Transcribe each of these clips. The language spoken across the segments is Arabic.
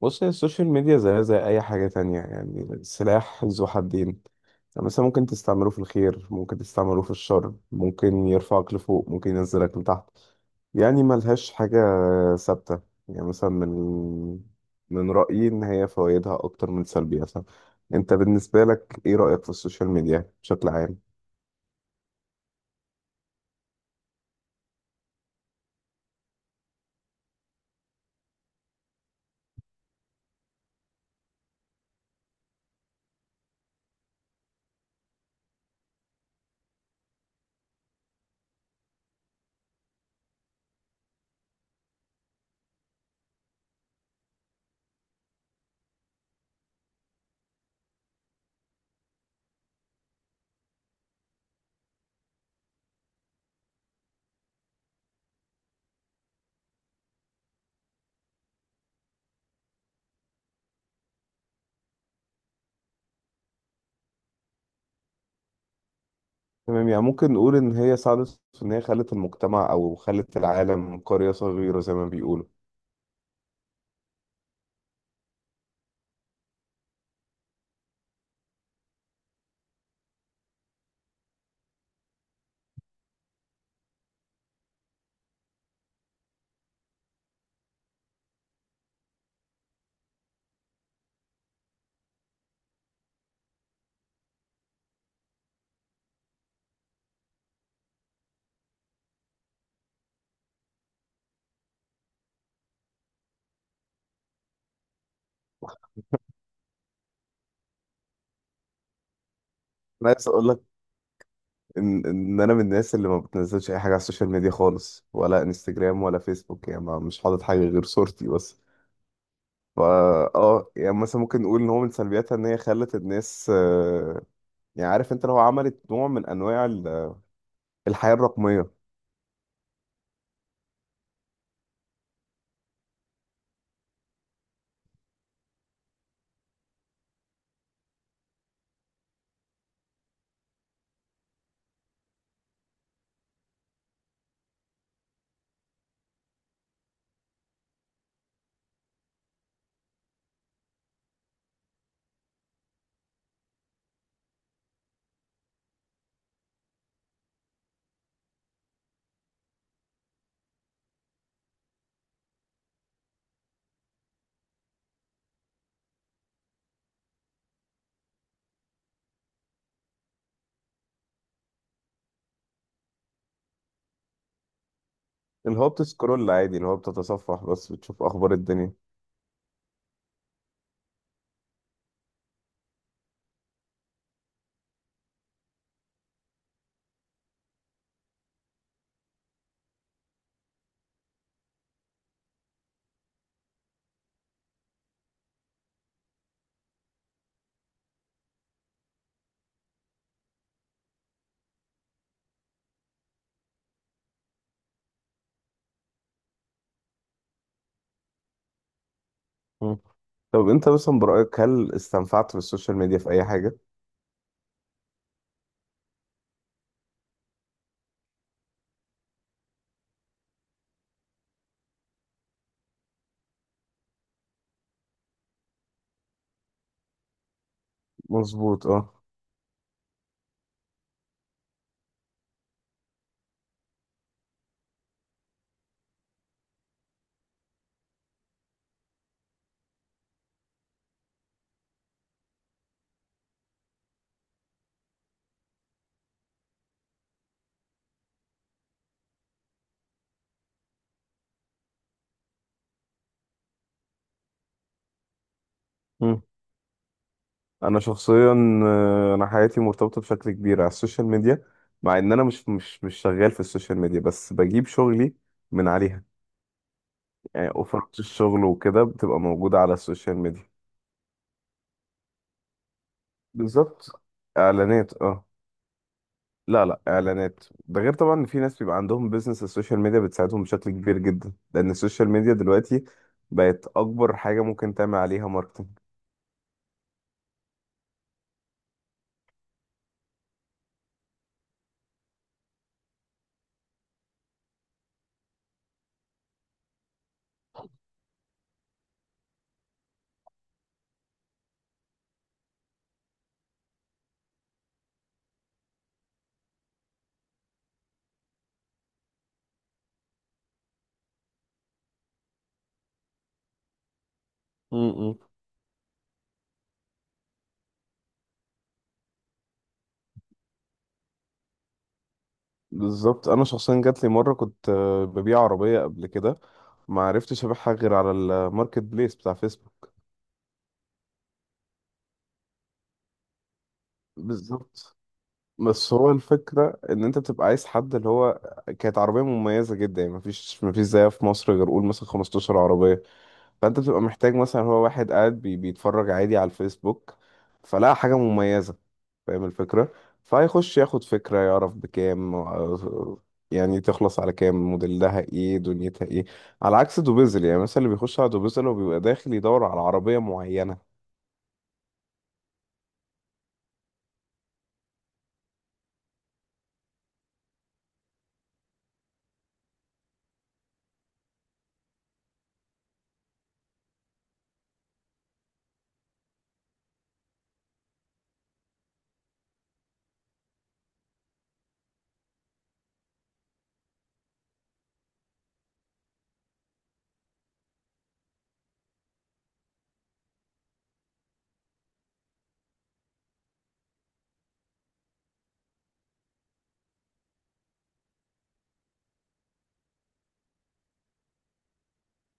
بص، هي السوشيال ميديا زيها زي أي حاجة تانية، يعني سلاح ذو حدين. يعني مثلا ممكن تستعمله في الخير، ممكن تستعمله في الشر، ممكن يرفعك لفوق، ممكن ينزلك لتحت. يعني ملهاش حاجة ثابتة. يعني مثلا، من رأيي إن هي فوائدها أكتر من سلبياتها. أنت بالنسبة لك إيه رأيك في السوشيال ميديا بشكل عام؟ تمام، يعني ممكن نقول إن هي ساعدت في إن هي خلت المجتمع أو خلت العالم قرية صغيرة زي ما بيقولوا. أنا عايز أقول لك ان انا من الناس اللي ما بتنزلش اي حاجه على السوشيال ميديا خالص، ولا انستجرام ولا فيسبوك، يعني مش حاطط حاجه غير صورتي بس. فا اه يعني مثلا ممكن نقول ان هو من سلبياتها ان هي خلت الناس، يعني عارف انت لو عملت نوع من انواع الحياه الرقميه، اللي هو بتسكرول عادي، اللي هو بتتصفح بس بتشوف اخبار الدنيا. مم. طب انت مثلا برأيك هل استنفعت بالسوشيال ميديا في اي حاجه؟ مظبوط، اه. انا شخصيا، انا حياتي مرتبطه بشكل كبير على السوشيال ميديا، مع ان انا مش شغال في السوشيال ميديا، بس بجيب شغلي من عليها. يعني اوفرات الشغل وكده بتبقى موجوده على السوشيال ميديا. بالظبط. اعلانات، اه. لا لا، اعلانات ده غير طبعا ان في ناس بيبقى عندهم بيزنس، السوشيال ميديا بتساعدهم بشكل كبير جدا، لان السوشيال ميديا دلوقتي بقت اكبر حاجه ممكن تعمل عليها ماركتنج. بالظبط. انا شخصيا جات لي مره كنت ببيع عربيه قبل كده، ما عرفتش ابيعها غير على الماركت بليس بتاع فيسبوك. بالظبط. بس هو الفكره ان انت بتبقى عايز حد، اللي هو كانت عربيه مميزه جدا، يعني مفيش زيها في مصر غير قول مثلا 15 عربيه. فانت بتبقى محتاج، مثلا هو واحد قاعد بيتفرج عادي على الفيسبوك، فلقى حاجة مميزة. فاهم الفكرة؟ فهيخش ياخد فكرة، يعرف بكام، يعني تخلص على كام، موديلها ايه، دنيتها ايه. على عكس دوبيزل، يعني مثلا اللي بيخش على دوبيزل هو بيبقى داخل يدور على عربية معينة.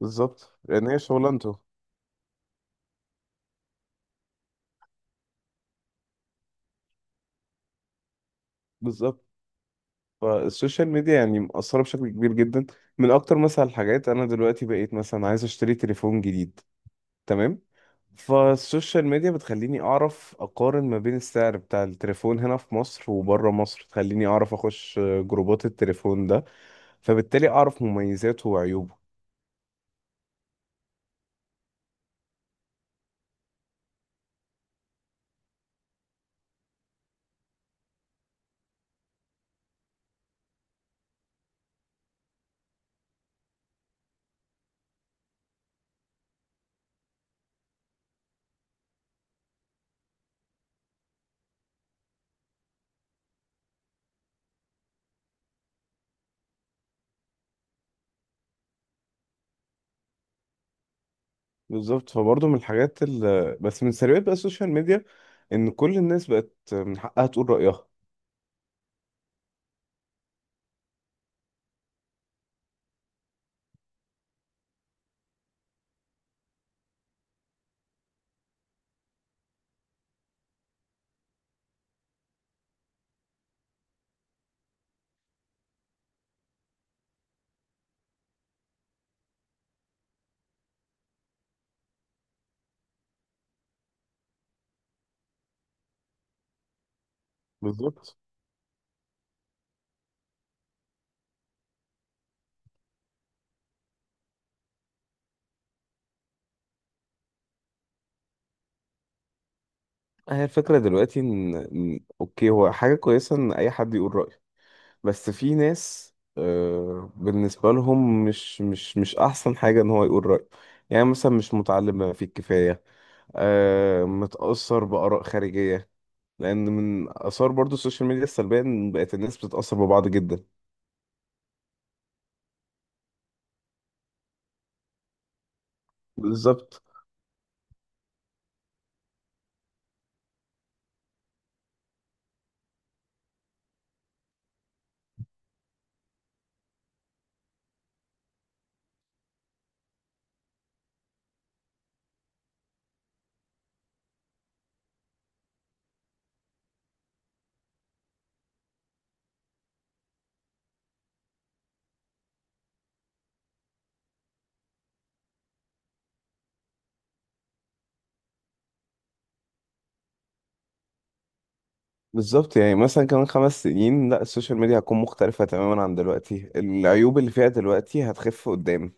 بالظبط، لان هي شغلانته. بالظبط. فالسوشيال ميديا يعني مأثرة بشكل كبير جدا. من اكتر مثلا الحاجات، انا دلوقتي بقيت مثلا عايز اشتري تليفون جديد. تمام. فالسوشيال ميديا بتخليني اعرف اقارن ما بين السعر بتاع التليفون هنا في مصر وبره مصر، تخليني اعرف اخش جروبات التليفون ده، فبالتالي اعرف مميزاته وعيوبه. بالظبط. فبرضه من الحاجات بس من سلبيات بقى السوشيال ميديا، ان كل الناس بقت من حقها تقول رأيها. بالظبط. هي الفكرة دلوقتي اوكي، هو حاجة كويسة ان اي حد يقول رأيه، بس في ناس، بالنسبة لهم مش أحسن حاجة إن هو يقول رأيه. يعني مثلا مش متعلم بما فيه الكفاية، متأثر بآراء خارجية. لأن من آثار برضو السوشيال ميديا السلبية إن بقت الناس بتتأثر ببعض جدا. بالظبط. بالظبط، يعني مثلا كمان 5 سنين، لا السوشيال ميديا هتكون مختلفة تماما عن دلوقتي، العيوب اللي فيها دلوقتي هتخف قدام.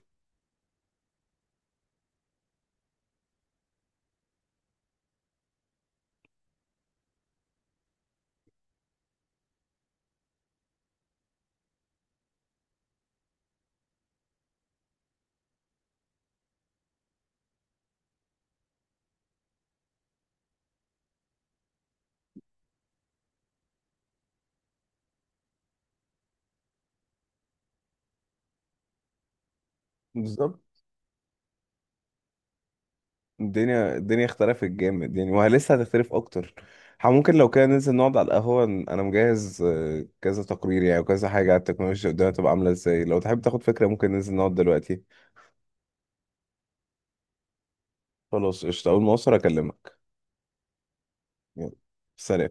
بالظبط. الدنيا اختلفت جامد يعني، وهي هتختلف اكتر. ممكن لو كده ننزل نقعد على القهوة، انا مجهز كذا تقرير يعني وكذا حاجة على التكنولوجيا، قدامها تبقى عاملة ازاي. لو تحب تاخد فكرة، ممكن ننزل نقعد دلوقتي. خلاص، قشطة، اول ما اوصل اكلمك. يلا، سلام.